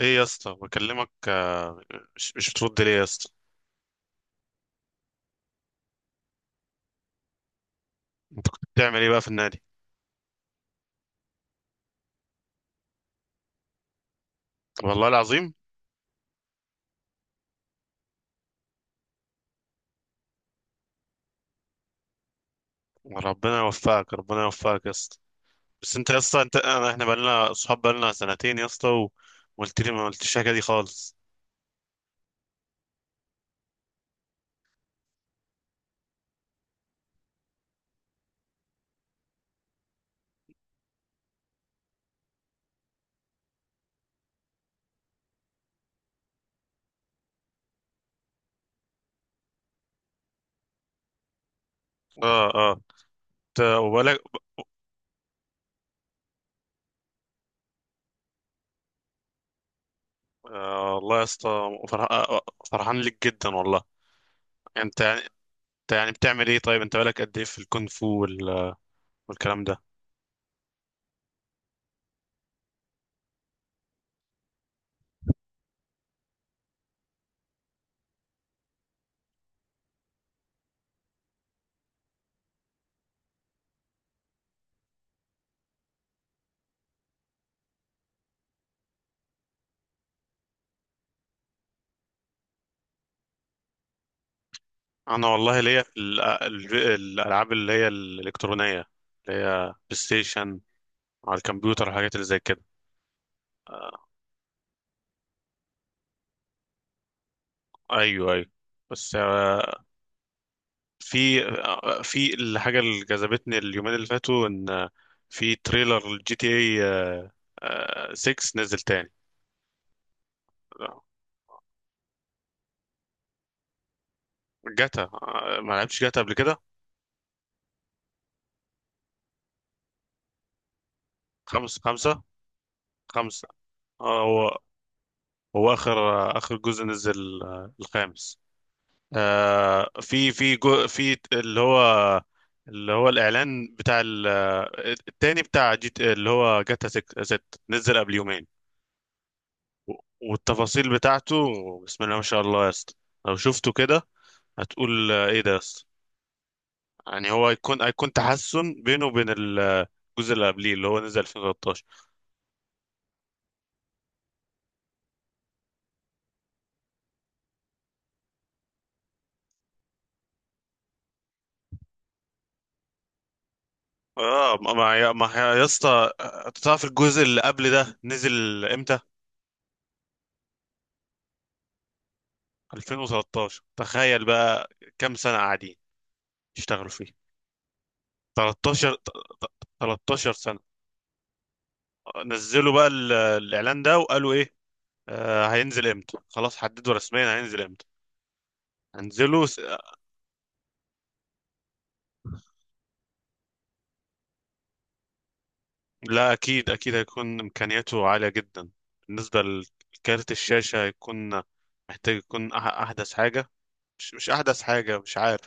ايه يا اسطى بكلمك، مش بترد ليه يا اسطى؟ بتعمل ايه بقى في النادي؟ والله العظيم. ربنا يوفقك، ربنا يوفقك يا اسطى. بس انت يا اسطى، انت احنا بقالنا صحاب، بقالنا سنتين يا اسطى وقلت لي ما قلتش الحاجه دي خالص. اه، اه. انت وبالك. والله يا اسطى، فرحان لك جدا والله. انت يعني انت يعني بتعمل ايه طيب؟ انت بالك قد ايه في الكونغ فو والكلام ده؟ انا والله ليا في الالعاب اللي هي الالكترونيه، اللي هي بلاي ستيشن على الكمبيوتر والحاجات اللي زي كده. آه، ايوه، ايوه. بس في الحاجه اللي جذبتني اليومين اللي فاتوا، ان آه، في تريلر الجي تي اي 6 نزل تاني. آه، جاتا، ما لعبتش جاتا قبل كده. خمسة. خمسة. آه، هو هو اخر جزء نزل، الخامس. في جو، في اللي هو الاعلان بتاع التاني بتاع جيت، اللي هو جاتا 6 ست، نزل قبل يومين. و- والتفاصيل بتاعته. بسم الله ما شاء الله يا اسطى، لو شفته كده هتقول ايه ده يا اسطى. يعني هو هيكون، تحسن بينه وبين الجزء اللي قبليه اللي هو نزل 2013. اه، ما ما يا ما يا اسطى، أنت تعرف الجزء اللي قبل ده نزل امتى؟ 2013، تخيل بقى. كام سنة قاعدين يشتغلوا فيه؟ 13. 13 سنة. نزلوا بقى الإعلان ده وقالوا إيه؟ هينزل إمتى، خلاص حددوا رسميا هينزل إمتى. هنزله س... لا، أكيد أكيد هيكون إمكانياته عالية جدا. بالنسبة لكارت الشاشة، هيكون محتاج يكون أحدث حاجة. مش أحدث حاجة، مش عارف.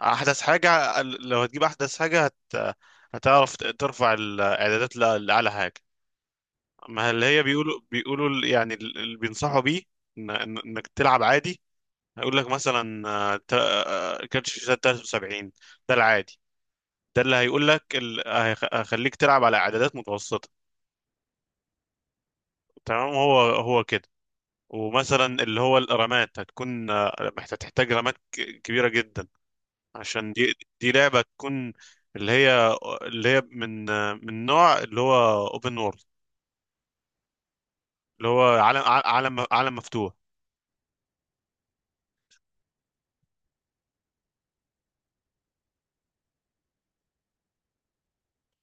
أحدث حاجة، لو هتجيب أحدث حاجة هتعرف ترفع الإعدادات لأعلى حاجة. ما اللي هي بيقولوا يعني اللي بينصحوا بيه، إنك تلعب عادي، هيقول لك مثلا كارت الشاشات 73، ده العادي، ده اللي هيقول لك هيخليك تلعب على اعدادات متوسطة. تمام، هو هو كده. ومثلا اللي هو الرامات هتكون، هتحتاج رامات كبيرة جدا، عشان دي لعبة تكون اللي هي من نوع اللي هو اوبن وورلد، اللي هو عالم، عالم مفتوح.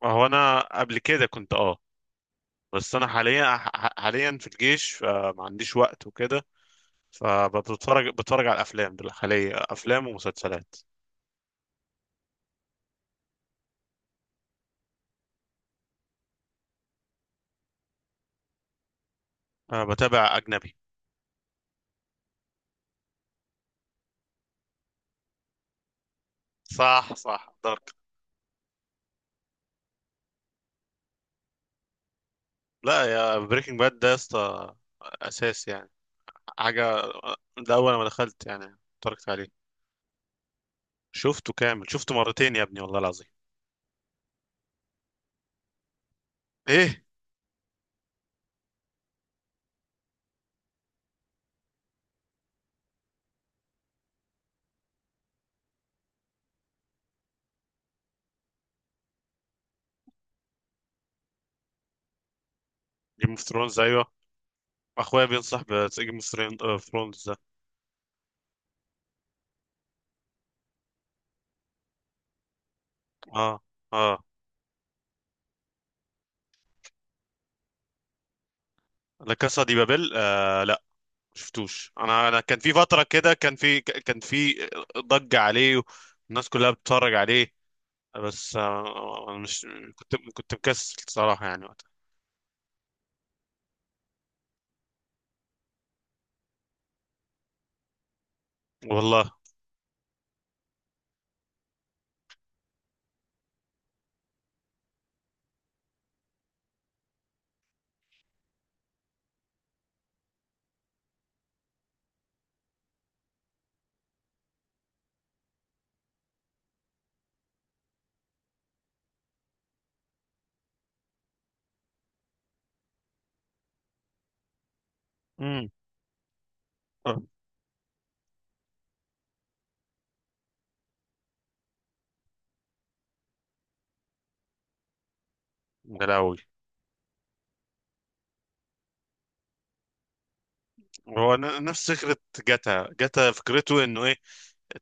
هو انا قبل كده كنت بس انا حاليا، حاليا في الجيش، فما عنديش وقت وكده. بتفرج على الافلام، حاليا افلام ومسلسلات. انا بتابع اجنبي. صح، صح، دارك. لا، يا بريكنج باد ده يا اسطى اساس يعني، حاجه. ده اول ما دخلت يعني اتفرجت عليه. شفته كامل، شفته مرتين يا ابني والله العظيم. ايه. جيم اوف ثرونز، ايوه. اخويا بينصح بجيم اوف ثرونز ده. اه، اه. لا كاسا دي بابل، لا شفتوش. انا كان في فتره كده كان في ضجه عليه والناس كلها بتتفرج عليه، بس انا مش، كنت مكسل صراحة يعني وقتها. والله. امم. غلاوي. هو نفس فكرة جاتا. فكرته انه ايه،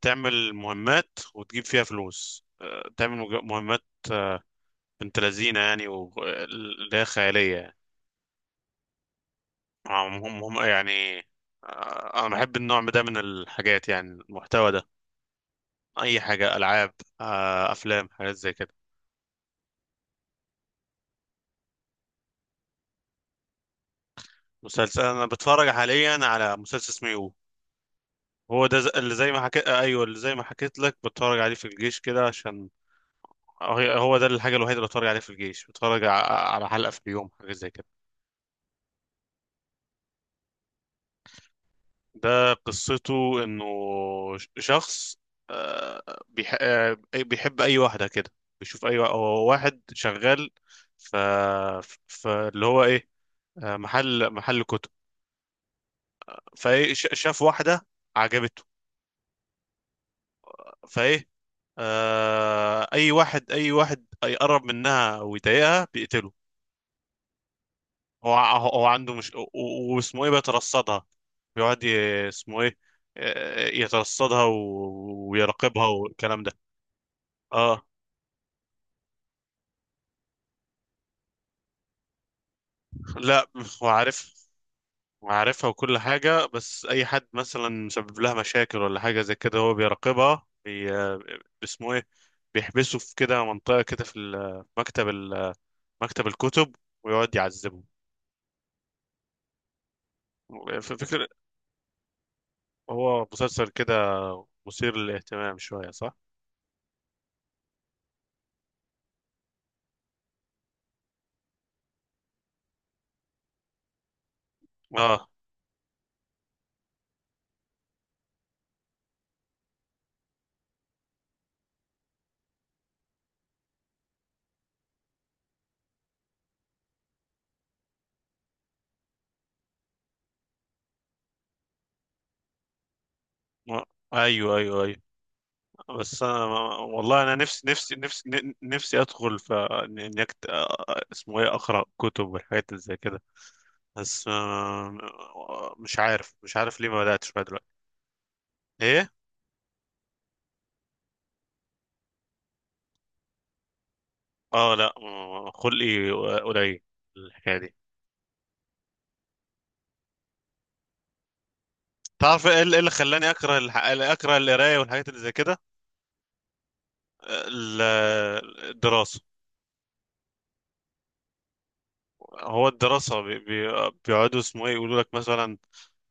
تعمل مهمات وتجيب فيها فلوس، تعمل مهمات، آه، بنت لذينة يعني اللي هي خيالية يعني، هم يعني. أنا بحب النوع ده من الحاجات يعني، المحتوى ده، أي حاجة، ألعاب، أفلام، حاجات زي كده. مسلسل، أنا بتفرج حاليا على مسلسل اسمه يو، هو ده اللي زي ما حكيت، ايوه، اللي زي ما حكيت لك، بتفرج عليه في الجيش كده عشان، هو ده الحاجه الوحيده اللي بتفرج عليه في الجيش، بتفرج على حلقه في اليوم، حاجه زي كده. ده قصته انه شخص، بيحب اي واحده كده، بيشوف اي، هو واحد شغال ف، اللي هو ايه، محل كتب، فايه شاف واحده عجبته، فايه، اي واحد اي واحد يقرب منها ويضايقها بيقتله. هو عنده مش، واسمه ايه، بيترصدها، بيقعد اسمه ايه، يترصدها ويراقبها والكلام ده. اه، لا. هو عارف هو عارفها وكل حاجة، بس أي حد مثلا سبب لها مشاكل ولا حاجة زي كده، هو بيراقبها اسمه ايه، بيحبسه في كده منطقة كده في مكتب مكتب الكتب، ويقعد يعذبه. فكرة. هو مسلسل كده مثير للاهتمام شوية، صح؟ اه. آه، ايوه، ايوه، ايوه. بس انا والله، انا نفسي ادخل في إني اسمه ايه، اقرا كتب والحاجات اللي زي كده، بس مش عارف ليه ما بداتش بقى دلوقتي. ايه. اه، لا، خلقي قليل الحكايه دي. تعرف ايه اللي، إيه اللي خلاني اكره القرايه والحاجات اللي زي كده. آه، ال- الدراسه. هو الدراسة بيقعدوا اسمه ايه يقولوا لك مثلا،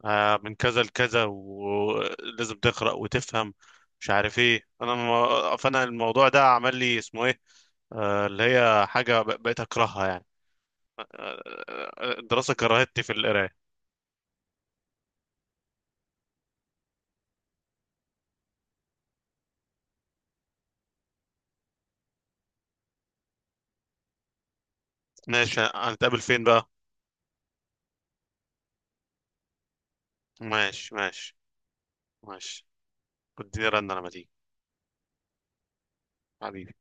من كذا لكذا ولازم تقرأ وتفهم، مش عارف ايه، انا فانا الموضوع ده عمل لي اسمه ايه، اللي هي حاجة بقيت اكرهها يعني. الدراسة كرهتني في القراية. ماشي، هنتقابل فين بقى؟ ماشي، ماشي، ماشي. اديني رن انا مديك، حبيبي.